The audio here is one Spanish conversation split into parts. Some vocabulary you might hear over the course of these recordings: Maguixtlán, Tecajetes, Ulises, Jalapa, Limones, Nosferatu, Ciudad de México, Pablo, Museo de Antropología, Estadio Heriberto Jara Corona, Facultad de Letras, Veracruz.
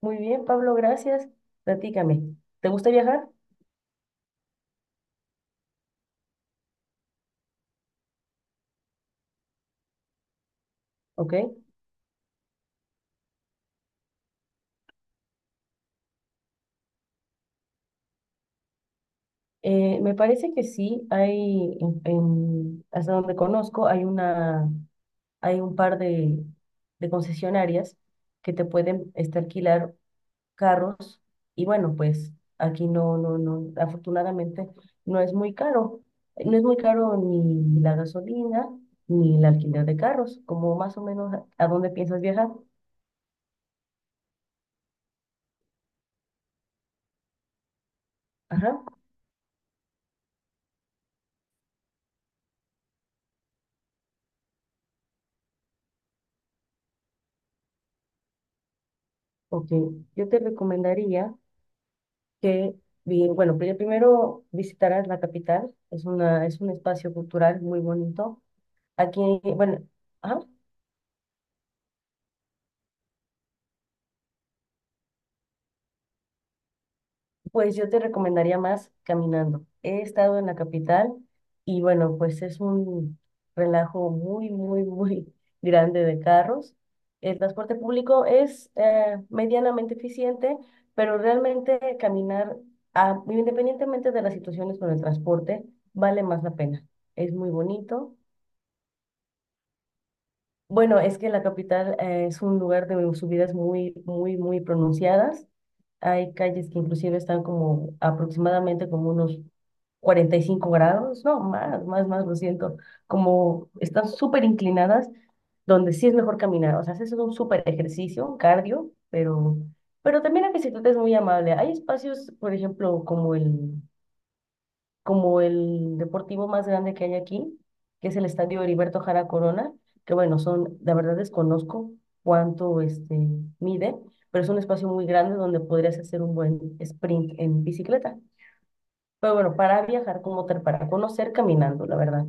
Muy bien, Pablo, gracias. Platícame. ¿Te gusta viajar? Ok. Me parece que sí, hay, hasta donde conozco, hay un par de, concesionarias que te pueden alquilar carros. Y bueno, pues aquí no, no, no, afortunadamente no es muy caro. No es muy caro ni la gasolina ni el alquiler de carros, como más o menos a dónde piensas viajar. Ajá. Ok. Yo te recomendaría que bueno, primero visitarás la capital, es un espacio cultural muy bonito. Aquí, bueno, ah, pues yo te recomendaría más caminando. He estado en la capital y bueno, pues es un relajo muy, muy, muy grande de carros. El transporte público es medianamente eficiente, pero realmente caminar, independientemente de las situaciones con el transporte, vale más la pena. Es muy bonito. Bueno, es que la capital es un lugar de subidas muy, muy, muy pronunciadas. Hay calles que inclusive están como aproximadamente como unos 45 grados, no, más, más, más, lo siento, como están súper inclinadas, donde sí es mejor caminar. O sea, haces un súper ejercicio, un cardio, pero, también la bicicleta es muy amable. Hay espacios, por ejemplo, como el deportivo más grande que hay aquí, que es el Estadio Heriberto Jara Corona, que bueno, son, la verdad desconozco cuánto mide, pero es un espacio muy grande donde podrías hacer un buen sprint en bicicleta. Pero bueno, para viajar como tal, para conocer caminando, la verdad.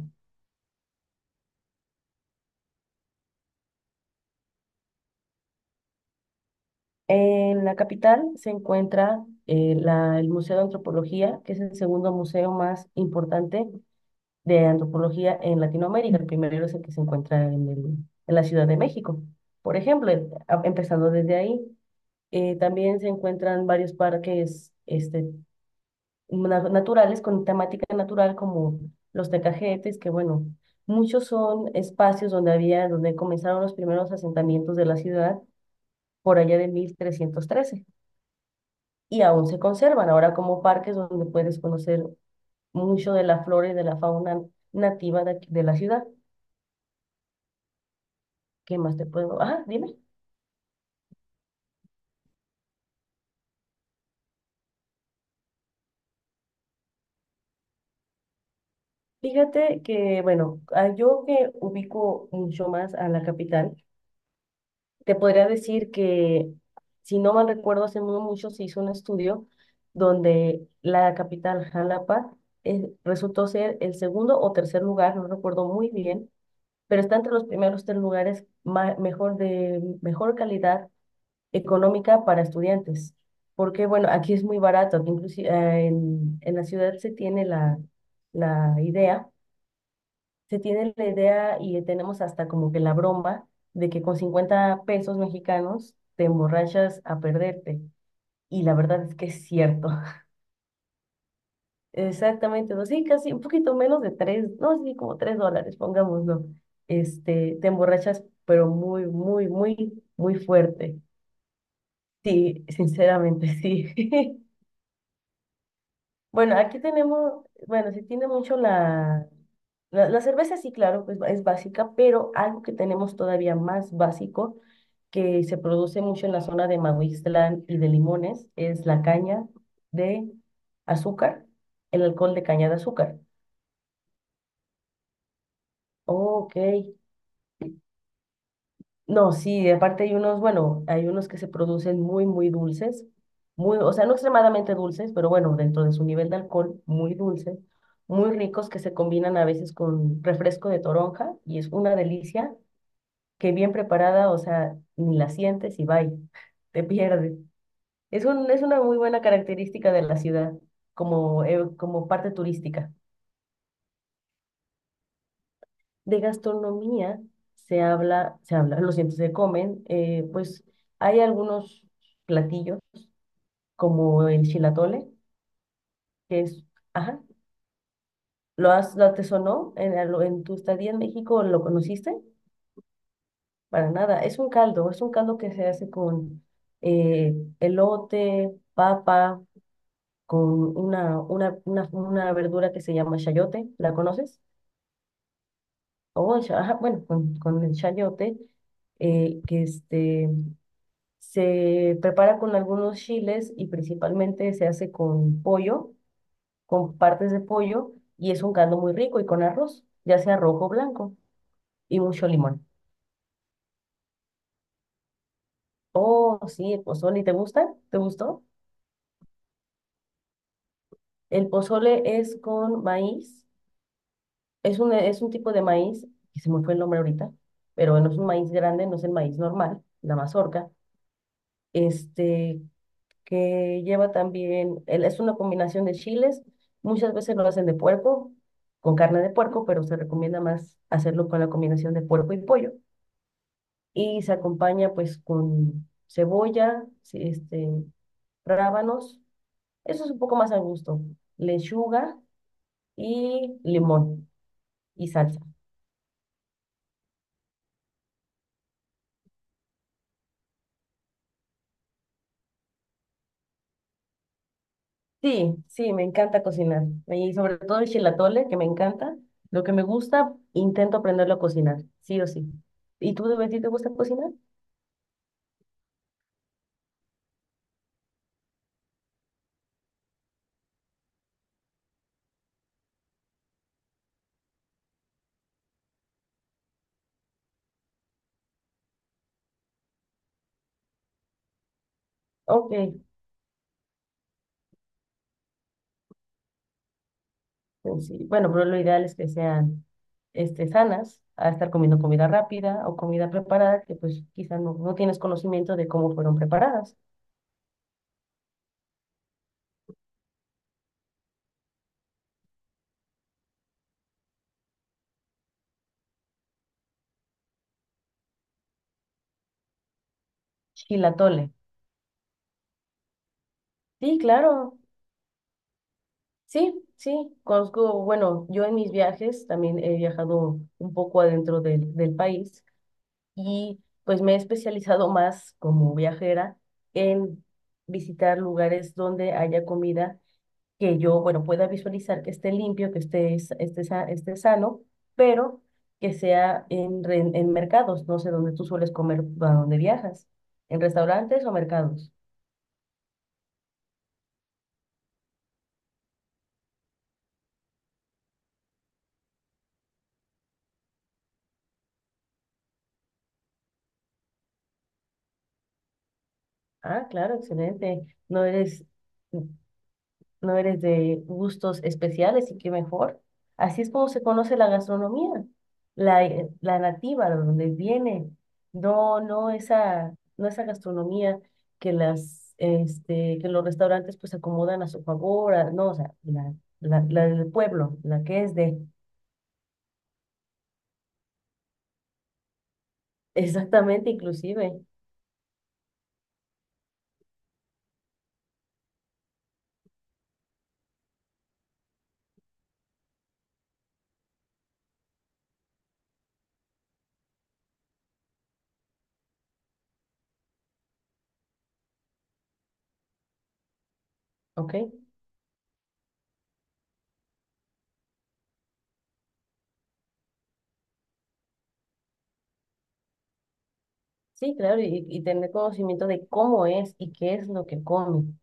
En la capital se encuentra el Museo de Antropología, que es el segundo museo más importante de antropología en Latinoamérica. El primero es el que se encuentra en la Ciudad de México, por ejemplo, empezando desde ahí. También se encuentran varios parques naturales con temática natural como los Tecajetes, que bueno, muchos son espacios donde comenzaron los primeros asentamientos de la ciudad por allá de 1313 y aún se conservan ahora como parques donde puedes conocer mucho de la flora y de la fauna nativa de la ciudad. ¿Qué más te puedo? Ah, dime. Fíjate que, bueno, yo que ubico mucho más a la capital, te podría decir que, si no mal recuerdo, hace no mucho se hizo un estudio donde la capital, Jalapa, resultó ser el segundo o tercer lugar, no recuerdo muy bien, pero está entre los primeros tres lugares mejor calidad económica para estudiantes, porque bueno, aquí es muy barato, aquí inclusive en la ciudad se tiene la idea, se tiene la idea y tenemos hasta como que la broma de que con 50 pesos mexicanos te emborrachas a perderte. Y la verdad es que es cierto. Exactamente, no, sí, casi un poquito menos de tres, no, sí, como 3 dólares, pongámoslo. Te emborrachas, pero muy, muy, muy, muy fuerte. Sí, sinceramente, sí. Bueno, aquí tenemos, bueno, sí tiene mucho la cerveza, sí, claro, pues es básica, pero algo que tenemos todavía más básico, que se produce mucho en la zona de Maguixtlán y de Limones, es la caña de azúcar, el alcohol de caña de azúcar. Ok. No, sí, aparte hay unos, bueno, hay unos que se producen muy, muy dulces, muy, o sea, no extremadamente dulces, pero bueno, dentro de su nivel de alcohol, muy dulces, muy ricos que se combinan a veces con refresco de toronja y es una delicia que bien preparada, o sea, ni la sientes y bye, te pierdes. Es una muy buena característica de la ciudad como parte turística. De gastronomía se habla, lo siento, se comen, pues hay algunos platillos como el chilatole, que es, ajá, ¿lo te sonó en tu estadía en México? ¿Lo conociste? Para nada, es un caldo, que se hace con eh, elote, papa, con una verdura que se llama chayote, ¿la conoces? Ajá, bueno, con el chayote, que este Se prepara con algunos chiles y principalmente se hace con pollo, con partes de pollo, y es un caldo muy rico y con arroz, ya sea rojo o blanco, y mucho limón. Oh, sí, el pozole, ¿te gusta? ¿Te gustó? El pozole es con maíz, es un tipo de maíz, que se me fue el nombre ahorita, pero no es un maíz grande, no es el maíz normal, la mazorca, este, que lleva también, es una combinación de chiles, muchas veces lo hacen de puerco, con carne de puerco, pero se recomienda más hacerlo con la combinación de puerco y pollo. Y se acompaña pues con cebolla, sí, rábanos, eso es un poco más a gusto, lechuga y limón y salsa. Sí, sí, me encanta cocinar. Y sobre todo el chilatole, que me encanta. Lo que me gusta, intento aprenderlo a cocinar, sí o sí. ¿Y tú, de ti te gusta cocinar? Ok, pues sí. Bueno, pero lo ideal es que sean sanas, a estar comiendo comida rápida o comida preparada que pues quizá no tienes conocimiento de cómo fueron preparadas. Chilatole. Sí, claro. Sí, sí. Conozco, bueno, yo en mis viajes también he viajado un poco adentro del país y pues me he especializado más como viajera en visitar lugares donde haya comida que yo, bueno, pueda visualizar que esté limpio, que esté, s- esté, sa- esté sano, pero que sea en mercados, no sé dónde tú sueles comer, a dónde viajas, en restaurantes o mercados. Ah, claro, excelente. No eres, de gustos especiales y qué mejor. Así es como se conoce la gastronomía, la nativa, de donde viene. No, no esa gastronomía que que los restaurantes pues acomodan a su favor, no, o sea, la del pueblo, la que es de, exactamente, inclusive, ¿ok? Sí, claro, y tener conocimiento de cómo es y qué es lo que come.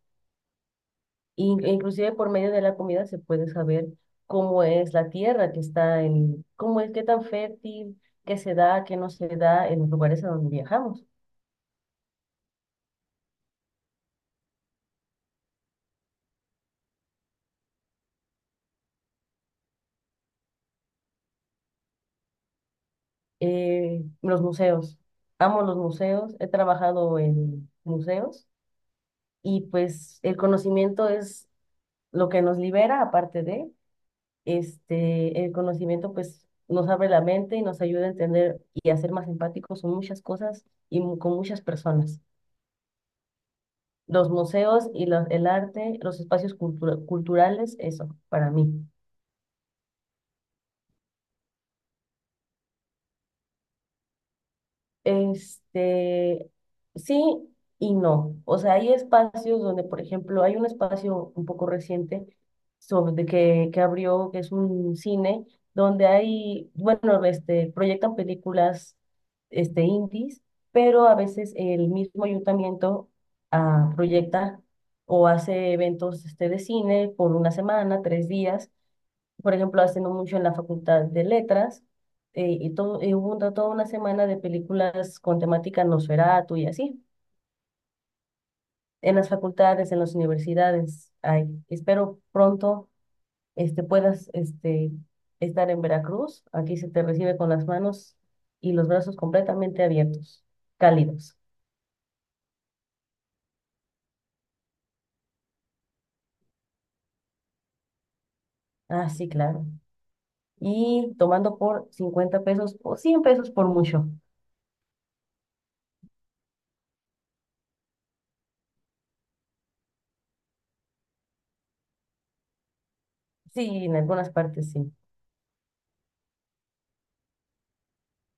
Inclusive por medio de la comida se puede saber cómo es la tierra que está en, cómo es, qué tan fértil, qué se da, qué no se da en los lugares a donde viajamos. Los museos. Amo los museos, he trabajado en museos y pues el conocimiento es lo que nos libera, aparte de, el conocimiento pues nos abre la mente y nos ayuda a entender y a ser más empáticos con muchas cosas y con muchas personas. Los museos y el arte, los espacios culturales, eso, para mí. Este, sí y no. O sea, hay espacios donde, por ejemplo, hay un espacio un poco reciente sobre que abrió, que es un cine, donde hay, bueno, proyectan películas, indies, pero a veces el mismo ayuntamiento proyecta o hace eventos, de cine por una semana, 3 días por ejemplo, haciendo mucho en la Facultad de Letras, y, todo, y hubo toda una semana de películas con temática Nosferatu y así, en las facultades, en las universidades. Ay, espero pronto puedas estar en Veracruz. Aquí se te recibe con las manos y los brazos completamente abiertos, cálidos. Ah, sí, claro. Y tomando por 50 pesos o 100 pesos por mucho. Sí, en algunas partes sí.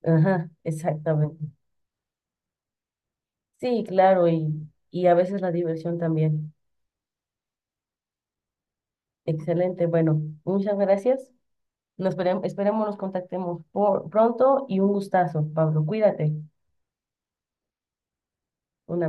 Ajá, exactamente. Sí, claro, y a veces la diversión también. Excelente. Bueno, muchas gracias. Nos esperemos, esperemos nos contactemos por, pronto y un gustazo, Pablo. Cuídate. Un abrazo.